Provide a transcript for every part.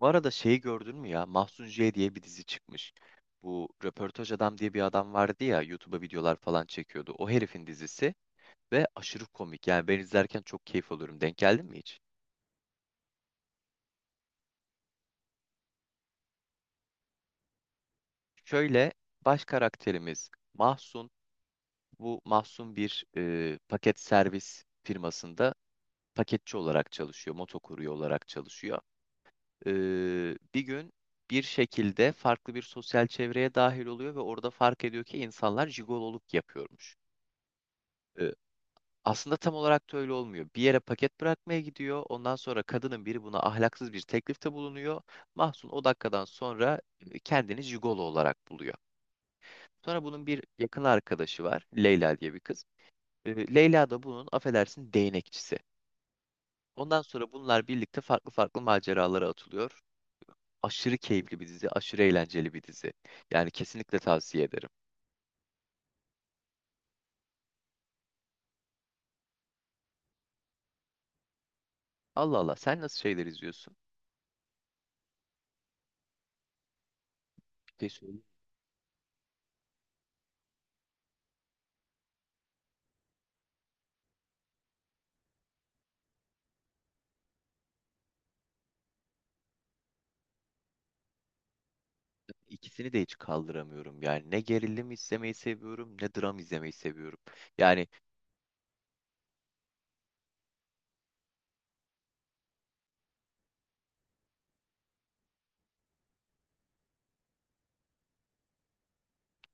Bu arada şeyi gördün mü ya? Mahsun J diye bir dizi çıkmış. Bu Röportaj Adam diye bir adam vardı ya, YouTube'a videolar falan çekiyordu. O herifin dizisi ve aşırı komik. Yani ben izlerken çok keyif alıyorum. Denk geldin mi hiç? Şöyle, baş karakterimiz Mahsun. Bu Mahsun bir paket servis firmasında paketçi olarak çalışıyor. Motokurye olarak çalışıyor. E, Bir gün bir şekilde farklı bir sosyal çevreye dahil oluyor ve orada fark ediyor ki insanlar jigololuk yapıyormuş. E, Aslında tam olarak da öyle olmuyor. Bir yere paket bırakmaya gidiyor. Ondan sonra kadının biri buna ahlaksız bir teklifte bulunuyor. Mahsun o dakikadan sonra kendini jigolo olarak buluyor. Sonra bunun bir yakın arkadaşı var. Leyla diye bir kız. Leyla da bunun affedersin değnekçisi. Ondan sonra bunlar birlikte farklı farklı maceralara atılıyor. Aşırı keyifli bir dizi, aşırı eğlenceli bir dizi. Yani kesinlikle tavsiye ederim. Allah Allah, sen nasıl şeyler izliyorsun? Bir Şey İkisini de hiç kaldıramıyorum. Yani ne gerilim izlemeyi seviyorum ne dram izlemeyi seviyorum. Yani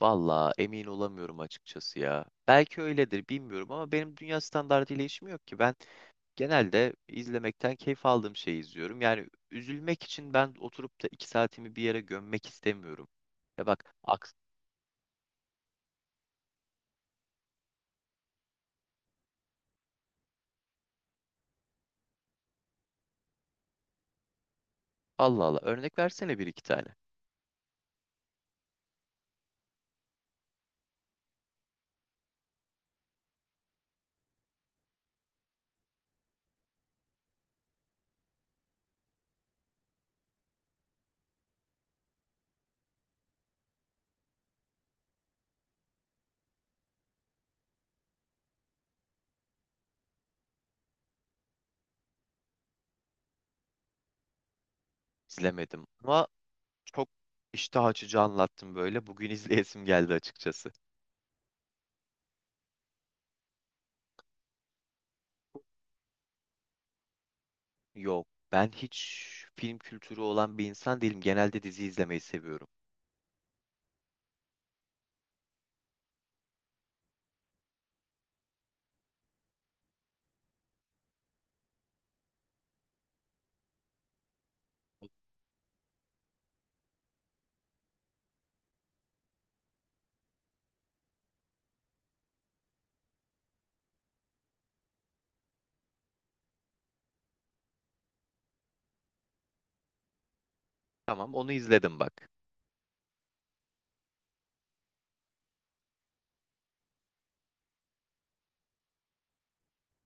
valla emin olamıyorum açıkçası ya. Belki öyledir, bilmiyorum ama benim dünya standartıyla işim yok ki. Ben genelde izlemekten keyif aldığım şeyi izliyorum. Yani üzülmek için ben oturup da iki saatimi bir yere gömmek istemiyorum. Ya bak aks Allah Allah, örnek versene bir iki tane. İzlemedim ama çok iştah açıcı anlattım böyle. Bugün izleyesim geldi açıkçası. Yok. Ben hiç film kültürü olan bir insan değilim. Genelde dizi izlemeyi seviyorum. Tamam, onu izledim bak.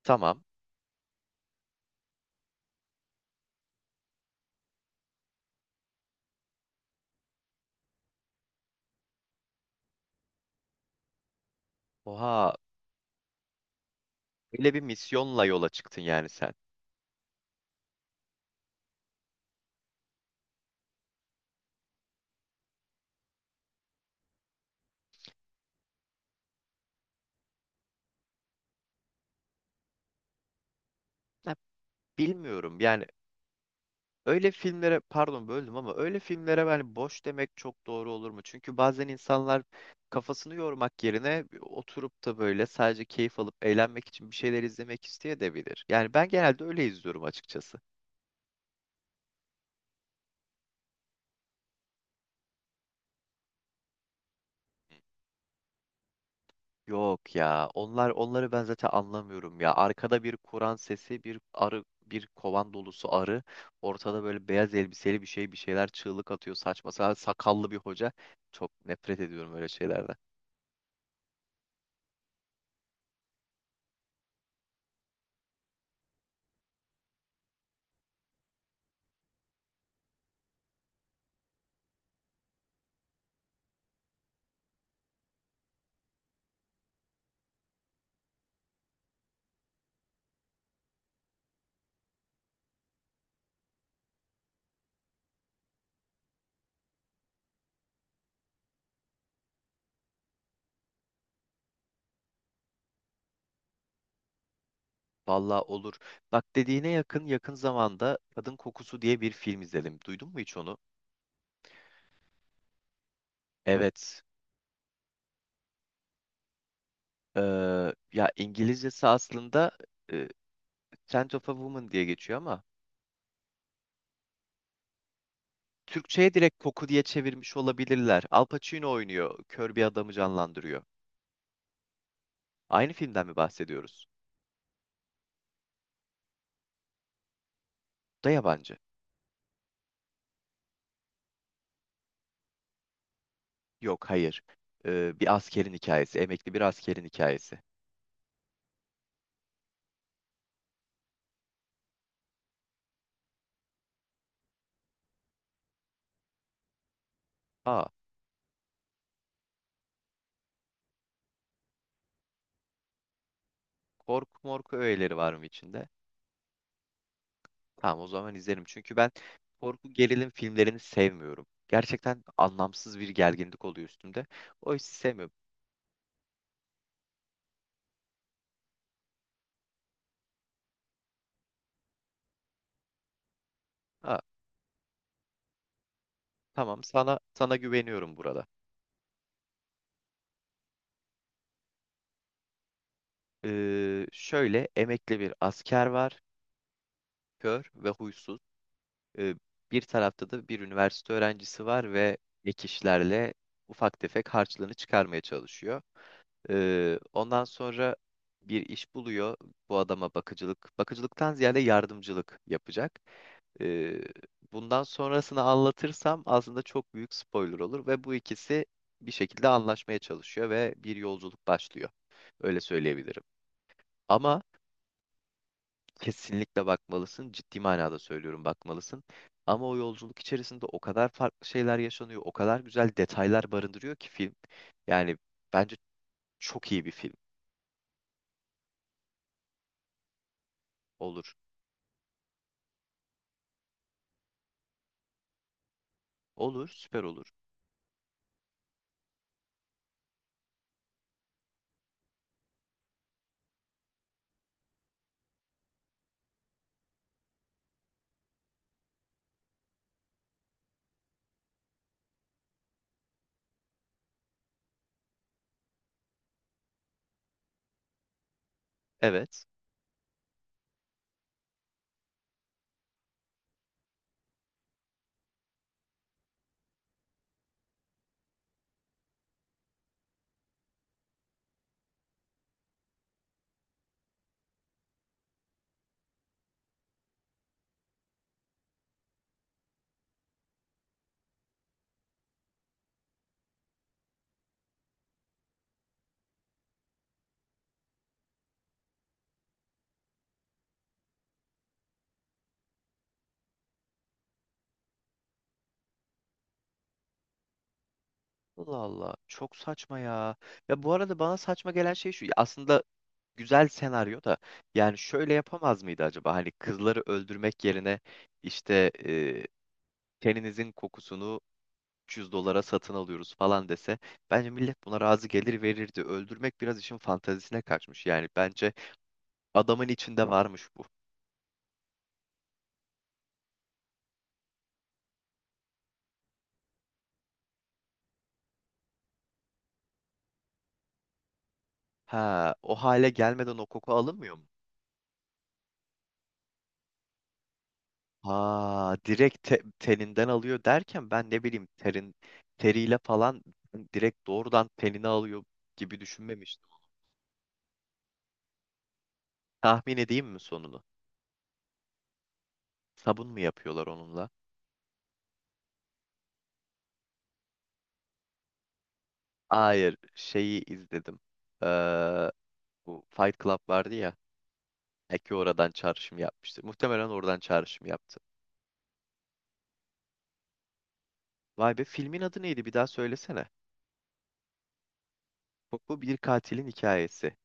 Tamam. Oha, öyle bir misyonla yola çıktın yani sen. Ya, bilmiyorum. Yani öyle filmlere, pardon böldüm ama öyle filmlere ben boş demek çok doğru olur mu? Çünkü bazen insanlar kafasını yormak yerine oturup da böyle sadece keyif alıp eğlenmek için bir şeyler izlemek isteyebilir. Yani ben genelde öyle izliyorum açıkçası. Yok ya. Onlar onları ben zaten anlamıyorum ya. Arkada bir Kur'an sesi, bir arı, bir kovan dolusu arı, ortada böyle beyaz elbiseli bir şey, bir şeyler çığlık atıyor, saçma sapan sakallı bir hoca. Çok nefret ediyorum öyle şeylerden. Vallahi olur. Bak, dediğine yakın, yakın zamanda Kadın Kokusu diye bir film izledim. Duydun mu hiç onu? Evet. Ee, Ya İngilizcesi aslında e, Scent of a Woman diye geçiyor ama Türkçe'ye direkt Koku diye çevirmiş olabilirler. Al Pacino oynuyor. Kör bir adamı canlandırıyor. Aynı filmden mi bahsediyoruz? Bu da yabancı. Yok, hayır. Bir askerin hikayesi. Emekli bir askerin hikayesi. Aa, korku morku öğeleri var mı içinde? Tamam, o zaman izlerim. Çünkü ben korku gerilim filmlerini sevmiyorum. Gerçekten anlamsız bir gerginlik oluyor üstümde. O hissi sevmiyorum. Ha, tamam, sana güveniyorum burada. Şöyle, emekli bir asker var. Kör ve huysuz. E, Bir tarafta da bir üniversite öğrencisi var ve ek işlerle ufak tefek harçlığını çıkarmaya çalışıyor. Ondan sonra bir iş buluyor. Bu adama bakıcılık, bakıcılıktan ziyade yardımcılık yapacak. E, Bundan sonrasını anlatırsam aslında çok büyük spoiler olur ve bu ikisi bir şekilde anlaşmaya çalışıyor ve bir yolculuk başlıyor. Öyle söyleyebilirim. Ama Kesinlikle bakmalısın. Ciddi manada söylüyorum, bakmalısın. Ama o yolculuk içerisinde o kadar farklı şeyler yaşanıyor, o kadar güzel detaylar barındırıyor ki film. Yani bence çok iyi bir film olur. Olur, süper olur. Evet. Allah Allah, çok saçma ya. Ya bu arada bana saçma gelen şey şu. Aslında güzel senaryo da yani şöyle yapamaz mıydı acaba? Hani kızları öldürmek yerine işte teninizin kokusunu 300 dolara satın alıyoruz falan dese bence millet buna razı gelir, verirdi. Öldürmek biraz işin fantezisine kaçmış. Yani bence adamın içinde varmış bu. Ha, o hale gelmeden o koku alınmıyor mu? Ha, direkt teninden alıyor derken ben ne bileyim, teriyle falan, direkt doğrudan tenini alıyor gibi düşünmemiştim. Tahmin edeyim mi sonunu? Sabun mu yapıyorlar onunla? Hayır, şeyi izledim. Ee, Bu Fight Club vardı ya. Eki oradan çağrışım yapmıştır. Muhtemelen oradan çağrışım yaptı. Vay be, filmin adı neydi bir daha söylesene. Bu bir katilin hikayesi.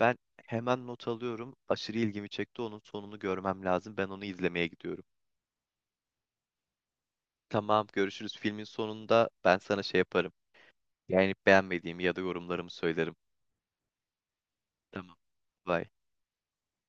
Ben hemen not alıyorum. Aşırı ilgimi çekti. Onun sonunu görmem lazım. Ben onu izlemeye gidiyorum. Tamam, görüşürüz. Filmin sonunda ben sana şey yaparım. Yani beğenmediğimi ya da yorumlarımı söylerim. Tamam. Bye.